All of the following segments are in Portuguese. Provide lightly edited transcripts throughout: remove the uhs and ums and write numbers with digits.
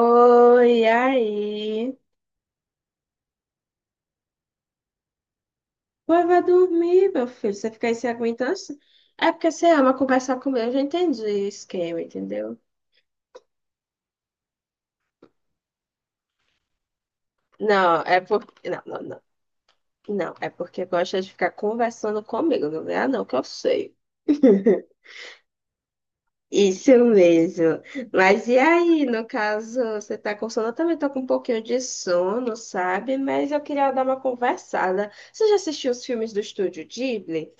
Oi, aí. Pois vai dormir, meu filho. Você fica aí se aguentando. É porque você ama conversar comigo. Eu já entendi o esquema, entendeu? Não, é porque. Não, não, não. Não, é porque gosta de ficar conversando comigo, não é? Ah, não, que eu sei. Isso mesmo. Mas e aí, no caso, você tá com sono? Eu também tô com um pouquinho de sono, sabe? Mas eu queria dar uma conversada. Você já assistiu os filmes do Estúdio Ghibli?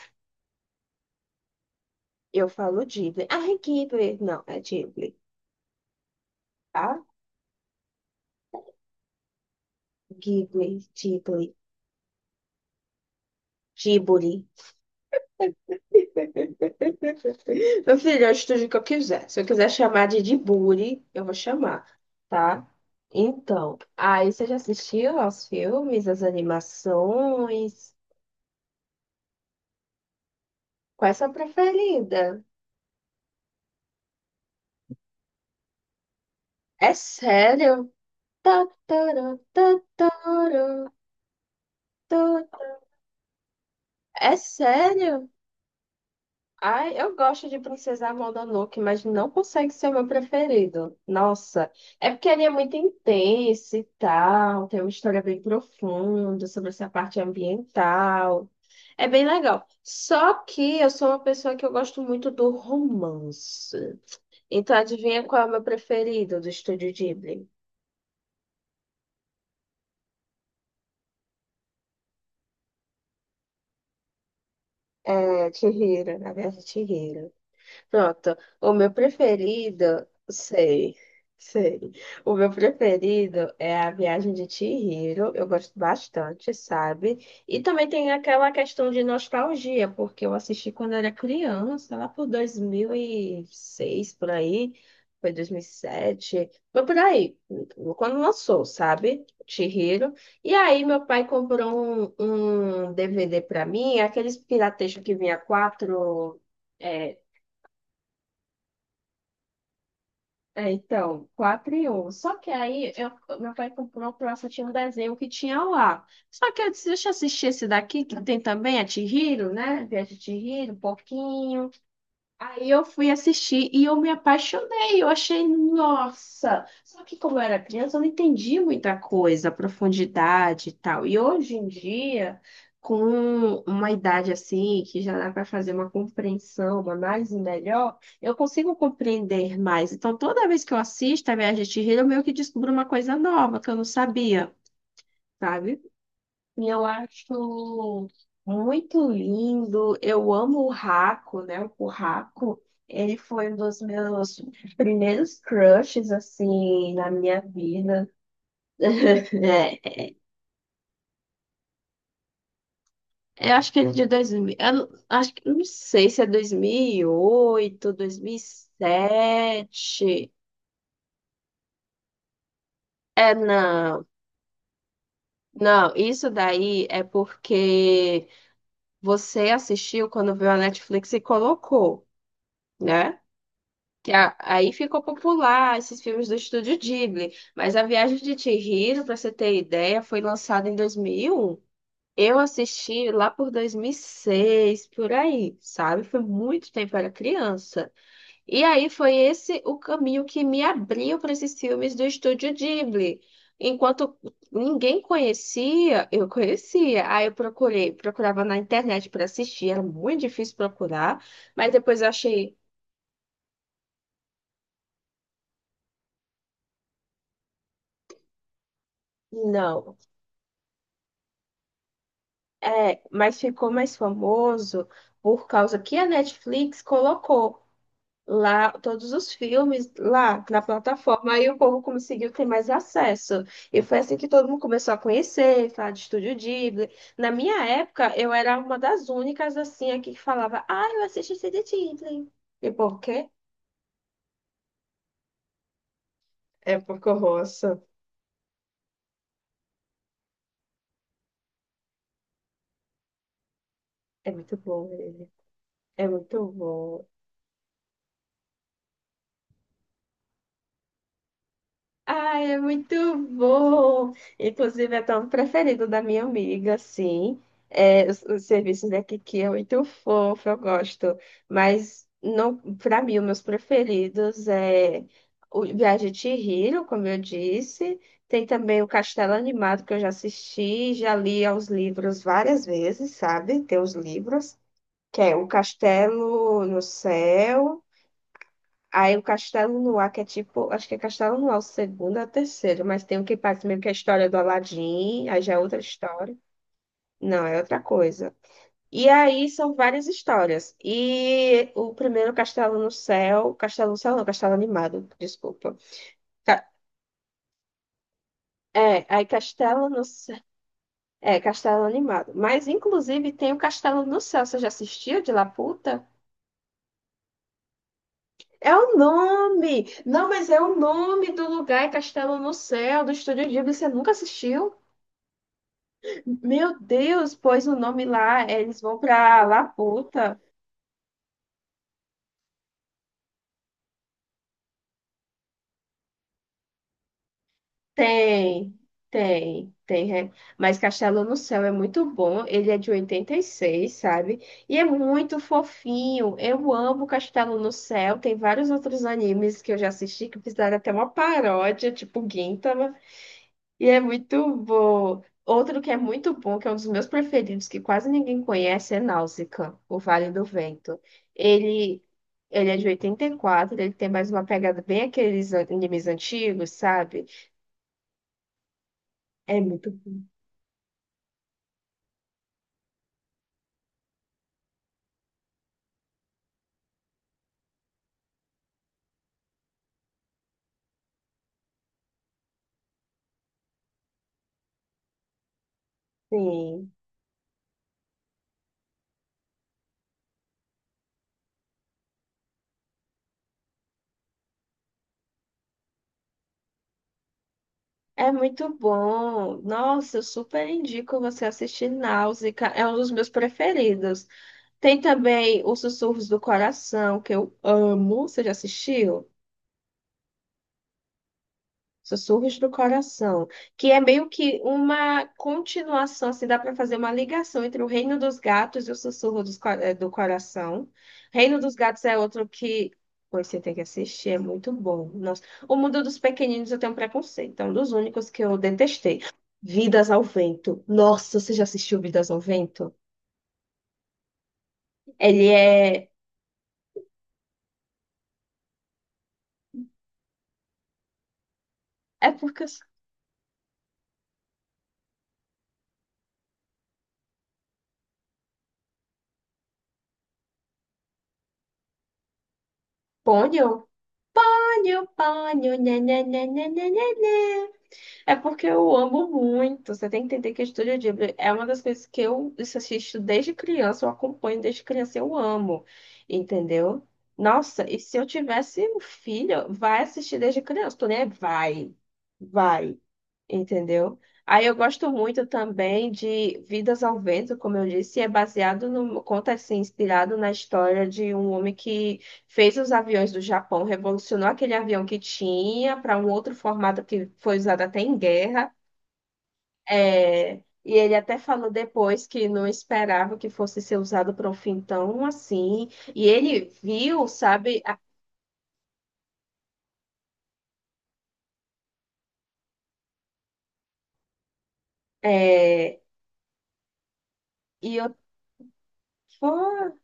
Eu falo Ghibli. Ah, é Ghibli. Não, é Ghibli. Tá? Ghibli, Ghibli, Ghibli. Meu filho, eu estudo o que eu quiser. Se eu quiser chamar de Djiburi, eu vou chamar, tá? Então, aí você já assistiu aos filmes, às animações? Qual é a sua preferida? É sério? Tá, tá, tá, tá, tá, tá. É sério? Ai, eu gosto de Princesa Mononoke, mas não consegue ser o meu preferido. Nossa, é porque ele é muito intenso e tal, tem uma história bem profunda sobre essa parte ambiental. É bem legal. Só que eu sou uma pessoa que eu gosto muito do romance. Então, adivinha qual é o meu preferido do Estúdio Ghibli? É Chihiro, na verdade, Chihiro. Pronto. O meu preferido, sei, sei. O meu preferido é a viagem de Chihiro. Eu gosto bastante, sabe? E também tem aquela questão de nostalgia, porque eu assisti quando era criança, lá por 2006, por aí. Foi 2007, foi por aí, quando lançou, sabe? Chihiro. E aí, meu pai comprou um DVD pra mim, aqueles piratejos que vinha 4. É, É, então, 4 e 1. Só que aí eu, meu pai comprou pra eu assistir um desenho que tinha lá. Só que eu disse, deixa eu assistir esse daqui, que tem também a Chihiro, né? Viagem de Chihiro, Porquinho. Aí eu fui assistir e eu me apaixonei. Eu achei, nossa! Só que como eu era criança, eu não entendi muita coisa, a profundidade e tal. E hoje em dia, com uma idade assim, que já dá para fazer uma compreensão, uma análise melhor, eu consigo compreender mais. Então, toda vez que eu assisto a Viagem de Chihiro, eu meio que descubro uma coisa nova que eu não sabia, sabe? E eu acho muito lindo. Eu amo o Raco, né? O Curraco. Ele foi um dos meus primeiros crushes, assim, na minha vida. É, eu acho que ele é de dois mil. Eu não- acho que não sei se é 2008, sete. É, não. Não, isso daí é porque você assistiu quando viu a Netflix e colocou, né? Que a- aí ficou popular esses filmes do estúdio Ghibli. Mas A Viagem de Chihiro, para você ter ideia, foi lançada em 2001. Eu assisti lá por 2006, por aí, sabe? Foi muito tempo, eu era criança. E aí foi esse o caminho que me abriu para esses filmes do estúdio Ghibli. Enquanto ninguém conhecia, eu conhecia. Aí eu procurei, procurava na internet para assistir, era muito difícil procurar, mas depois eu achei. Não. É, mas ficou mais famoso por causa que a Netflix colocou lá todos os filmes lá na plataforma, aí o povo conseguiu ter mais acesso. E foi assim que todo mundo começou a conhecer, falar de Estúdio Ghibli. Na minha época, eu era uma das únicas assim aqui que falava: "Ah, eu assisti Estúdio Ghibli". E por quê? É porque eu roço. É muito bom ele. É muito bom. Ai, é muito bom. Inclusive, é tão preferido da minha amiga, sim. É, os serviços da Kiki é muito fofo, eu gosto. Mas não, para mim, os meus preferidos é o Viagem de Chihiro, como eu disse. Tem também o Castelo Animado, que eu já assisti, já li aos livros várias vezes, sabe? Tem os livros, que é O Castelo no Céu. Aí o Castelo Noir, que é tipo, acho que é Castelo Noir, o segundo ou o terceiro, mas tem um que parece meio que a história do Aladdin, aí já é outra história. Não, é outra coisa. E aí são várias histórias. E o primeiro Castelo no Céu não, Castelo Animado, desculpa. Ca- É, aí Castelo no Céu, é Castelo Animado. Mas inclusive tem o Castelo no Céu, você já assistiu de Laputa? É o nome! Não, mas é o nome do lugar, é Castelo no Céu, do Estúdio Ghibli, você nunca assistiu? Meu Deus, pois o nome lá, é, eles vão pra Laputa. Tem, tem, tem. É. Mas Castelo no Céu é muito bom. Ele é de 86, sabe? E é muito fofinho. Eu amo Castelo no Céu. Tem vários outros animes que eu já assisti que fizeram até uma paródia, tipo Gintama. E é muito bom. Outro que é muito bom, que é um dos meus preferidos, que quase ninguém conhece, é Náusicaa, o Vale do Vento. Ele, ele é de 84. Ele tem mais uma pegada bem aqueles animes antigos, sabe? É muito bom. Sim. É muito bom. Nossa, eu super indico você assistir Náusicaa. É um dos meus preferidos. Tem também Os Sussurros do Coração, que eu amo. Você já assistiu? Sussurros do Coração, que é meio que uma continuação, assim, dá para fazer uma ligação entre o Reino dos Gatos e o Sussurro dos do Coração. Reino dos Gatos é outro que pois você tem que assistir, é muito bom. Nossa. O Mundo dos Pequeninos eu tenho um preconceito, é um dos únicos que eu detestei. Vidas ao Vento. Nossa, você já assistiu Vidas ao Vento? Ele é. É porque. Ponyo? Ponyo, ponyo, né, né, né, né, né, né. É porque eu amo muito. Você tem que entender que Estúdio Ghibli é uma das coisas que eu assisto desde criança, eu acompanho desde criança, eu amo, entendeu? Nossa, e se eu tivesse um filho, vai assistir desde criança. Tu nem vai, vai entendeu? Aí eu gosto muito também de Vidas ao Vento, como eu disse, é baseado no, conta assim, inspirado na história de um homem que fez os aviões do Japão, revolucionou aquele avião que tinha para um outro formato que foi usado até em guerra. É, e ele até falou depois que não esperava que fosse ser usado para um fim tão assim. E ele viu, sabe, é, e eu, pô,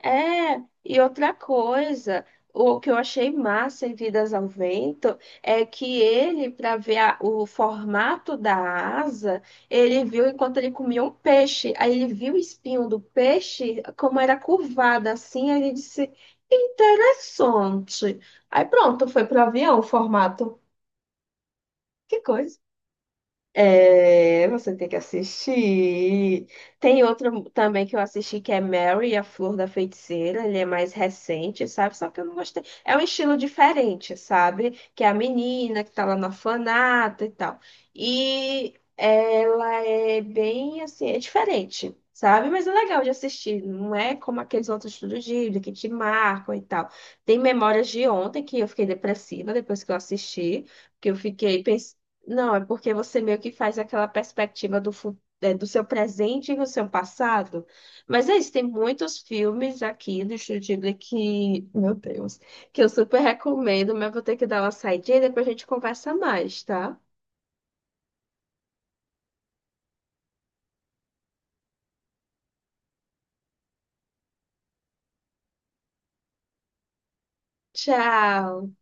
é, e outra coisa, o que eu achei massa em Vidas ao Vento é que ele, para ver o formato da asa, ele viu enquanto ele comia um peixe. Aí ele viu o espinho do peixe, como era curvado assim, aí ele disse, interessante. Aí pronto, foi pro avião o formato. Que coisa. É, você tem que assistir. Tem outro também que eu assisti que é Mary, a Flor da Feiticeira. Ele é mais recente, sabe? Só que eu não gostei. É um estilo diferente, sabe? Que é a menina que tá lá no orfanato e tal. E ela é bem assim, é diferente, sabe? Mas é legal de assistir. Não é como aqueles outros estúdios Ghibli que te marcam e tal. Tem Memórias de Ontem que eu fiquei depressiva depois que eu assisti, porque eu fiquei pensando. Não, é porque você meio que faz aquela perspectiva do, do seu presente e do seu passado. Mas é isso, tem muitos filmes aqui do Estúdio Ghibli que, meu Deus, que eu super recomendo, mas vou ter que dar uma saidinha e depois a gente conversa mais, tá? Tchau!